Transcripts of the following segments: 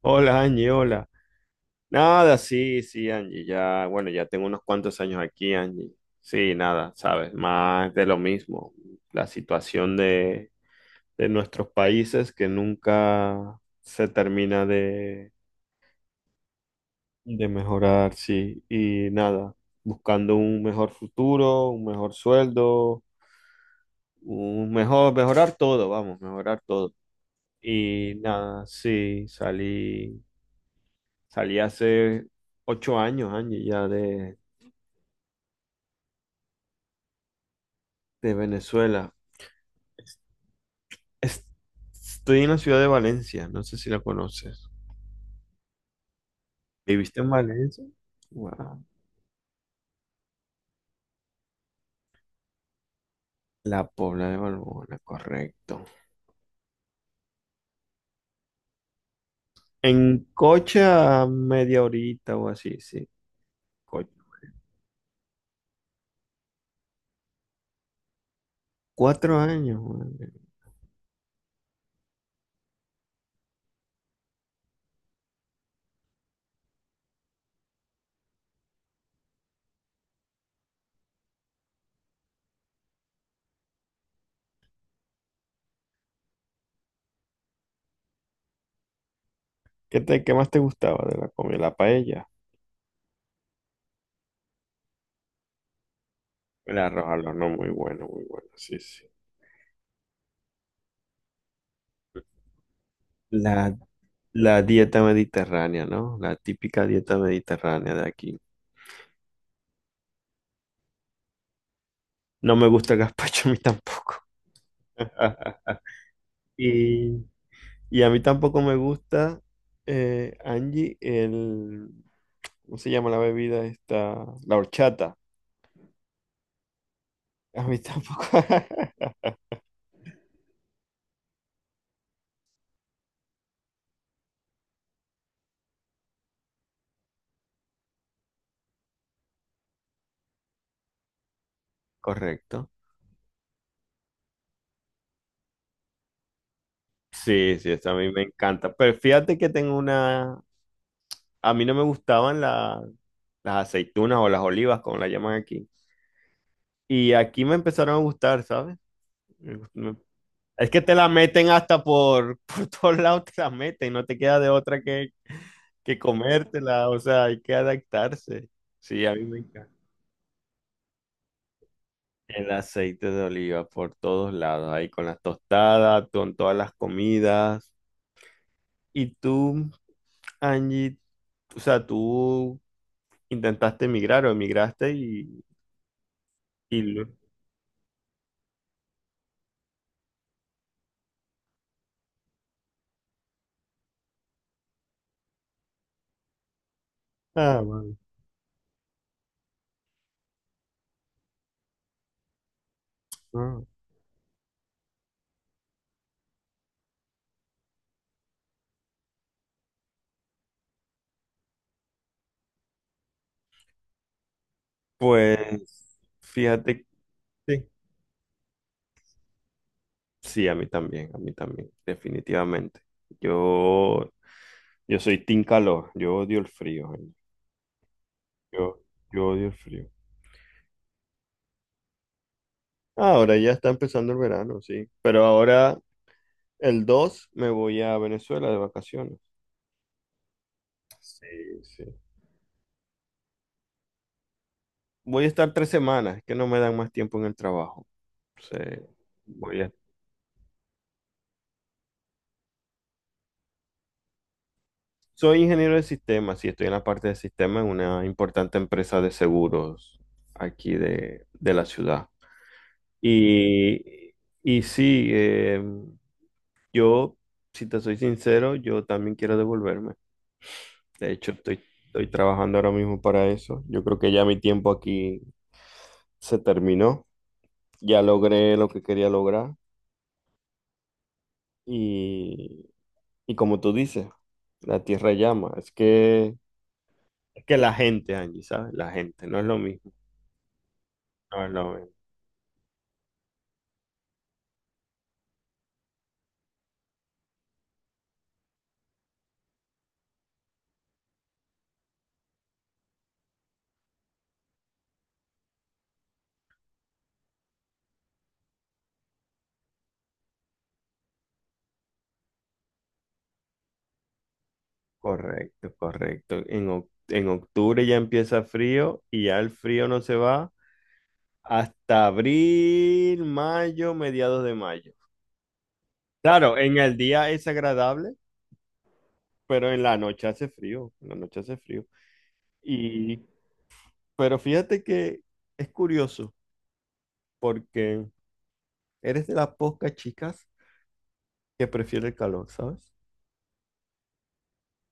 Hola Angie, hola. Nada, sí, sí, Angie, ya, bueno, ya tengo unos cuantos años aquí, Angie. Sí, nada, sabes, más de lo mismo. La situación de, nuestros países que nunca se termina de mejorar, sí. Y nada, buscando un mejor futuro, un mejor sueldo, un mejor, mejorar todo, vamos, mejorar todo. Y nada, sí, salí hace 8 años, Angie, ya de Venezuela. Es- Estoy en la ciudad de Valencia, no sé si la conoces. ¿Viviste en Valencia? Wow. La Pobla de Valbona, correcto. En coche a media horita o así, sí. Coche. 4 años, madre. ¿Qué más te gustaba de la comida? La paella. El arroz al horno, muy bueno, muy bueno, sí, sí. La, la dieta mediterránea, ¿no? La típica dieta mediterránea de aquí. No me gusta el gazpacho a mí tampoco. Y Y a mí tampoco me gusta, Angie, ¿cómo se llama la bebida esta? La horchata. A mí tampoco. Correcto. Sí, sí, esa a mí me encanta. Pero fíjate que tengo una... A mí no me gustaban las aceitunas o las olivas, como la llaman aquí. Y aquí me empezaron a gustar, ¿sabes? Me, Es que te la meten hasta por, por todos lados, te la meten, no te queda de otra que comértela, o sea, hay que adaptarse. Sí, a mí me encanta. El aceite de oliva por todos lados, ahí con las tostadas, con todas las comidas. Y tú, Angie, o sea, tú intentaste emigrar o emigraste y... y lo- Ah, vale. Ah. Pues fíjate, sí, sí, a mí también, definitivamente. Yo Yo soy team calor, yo odio el frío, gente. Yo, yo odio el frío. Ahora ya está empezando el verano, sí. Pero ahora el 2 me voy a Venezuela de vacaciones. Sí, sí. Voy a estar 3 semanas, que no me dan más tiempo en el trabajo. Sí, voy a- Soy ingeniero de sistemas y estoy en la parte de sistemas en una importante empresa de seguros aquí de la ciudad. Y, y sí, yo, si te soy sincero, yo también quiero devolverme. De hecho, estoy trabajando ahora mismo para eso. Yo creo que ya mi tiempo aquí se terminó. Ya logré lo que quería lograr. Y, y como tú dices, la tierra llama. Es que la gente, Angie, ¿sabes? La gente, no es lo mismo. No es lo mismo. Correcto, correcto. En octubre ya empieza frío y ya el frío no se va hasta abril, mayo, mediados de mayo. Claro, en el día es agradable, pero en la noche hace frío. En la noche hace frío. Y, pero fíjate que es curioso porque eres de las pocas chicas que prefiere el calor, ¿sabes?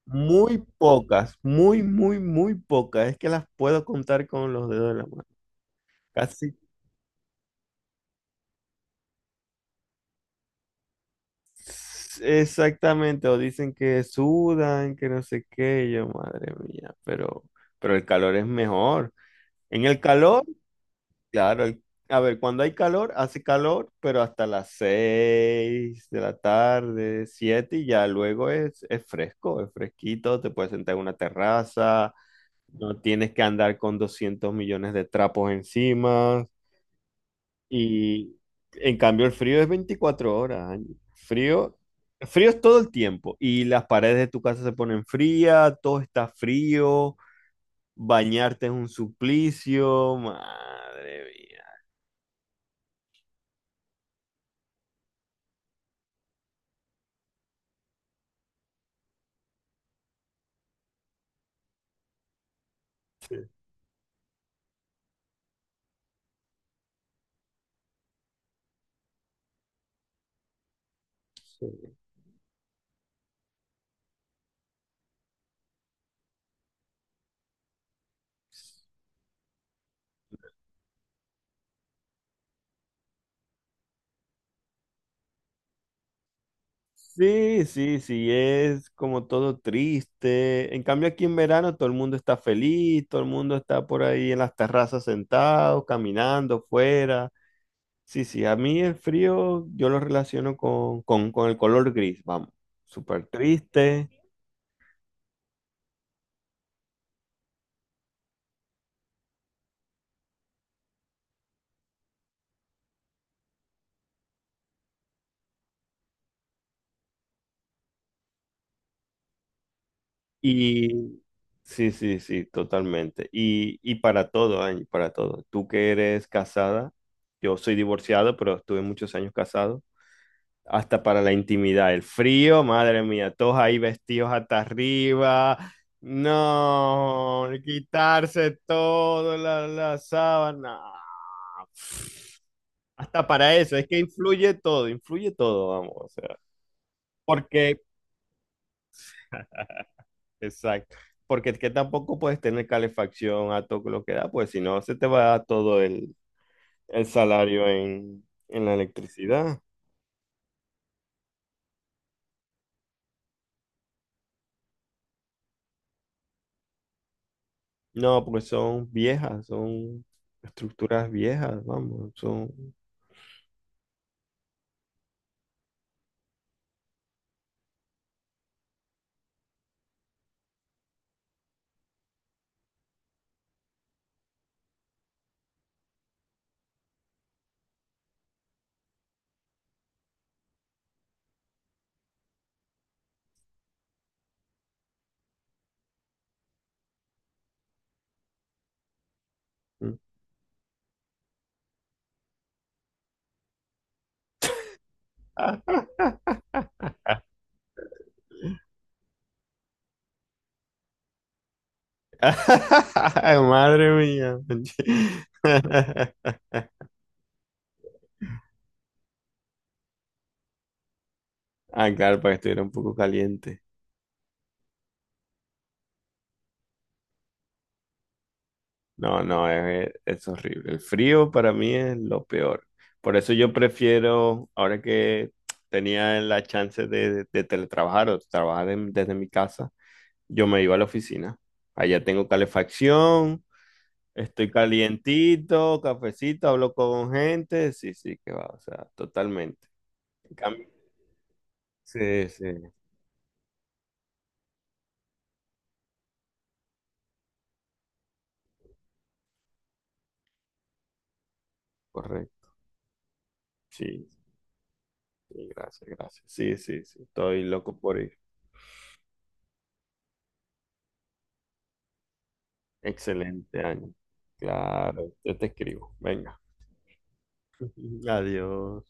Muy pocas, muy, muy, muy pocas. Es que las puedo contar con los dedos de la mano. Casi exactamente. O dicen que sudan, que no sé qué. Y yo, madre mía, pero el calor es mejor. En el calor Claro, a ver, cuando hay calor, hace calor, pero hasta las 6 de la tarde, 7 y ya luego es fresco, es fresquito, te puedes sentar en una terraza, no tienes que andar con 200 millones de trapos encima y en cambio el frío es 24 horas, Ángel. Frío es todo el tiempo y las paredes de tu casa se ponen frías, todo está frío, bañarte es un suplicio, madre mía. Sí. Sí. Sí, sí, sí, es como todo triste. En cambio, aquí en verano todo el mundo está feliz, todo el mundo está por ahí en las terrazas sentado, caminando fuera. Sí, sí, a mí el frío yo lo relaciono con el color gris, vamos, súper triste. Y sí, sí, sí, totalmente. Y para todo, Angie, para todo. Tú que eres casada, yo soy divorciado, pero estuve muchos años casado. Hasta para la intimidad. El frío, madre mía, todos ahí vestidos hasta arriba. No, quitarse todo, la sábana. Hasta para eso, es que influye todo, vamos. O sea, porque, exacto, porque es que tampoco puedes tener calefacción a todo lo que da, pues si no, se te va todo el salario en la electricidad. No, porque son viejas, son estructuras viejas, vamos, son Madre mía. Ah, claro, para que estuviera un poco caliente. No, no, es horrible. El frío para mí es lo peor. Por eso yo prefiero, ahora que tenía la chance de teletrabajar o trabajar desde mi casa, yo me iba a la oficina. Allá tengo calefacción, estoy calientito, cafecito, hablo con gente. Sí, sí, que va, o sea, totalmente. En cambio- sí, sí, correcto. Sí, sí, gracias, gracias. Sí, sí, sí, estoy loco por ir. Excelente año. Claro, yo te escribo. Venga. Adiós.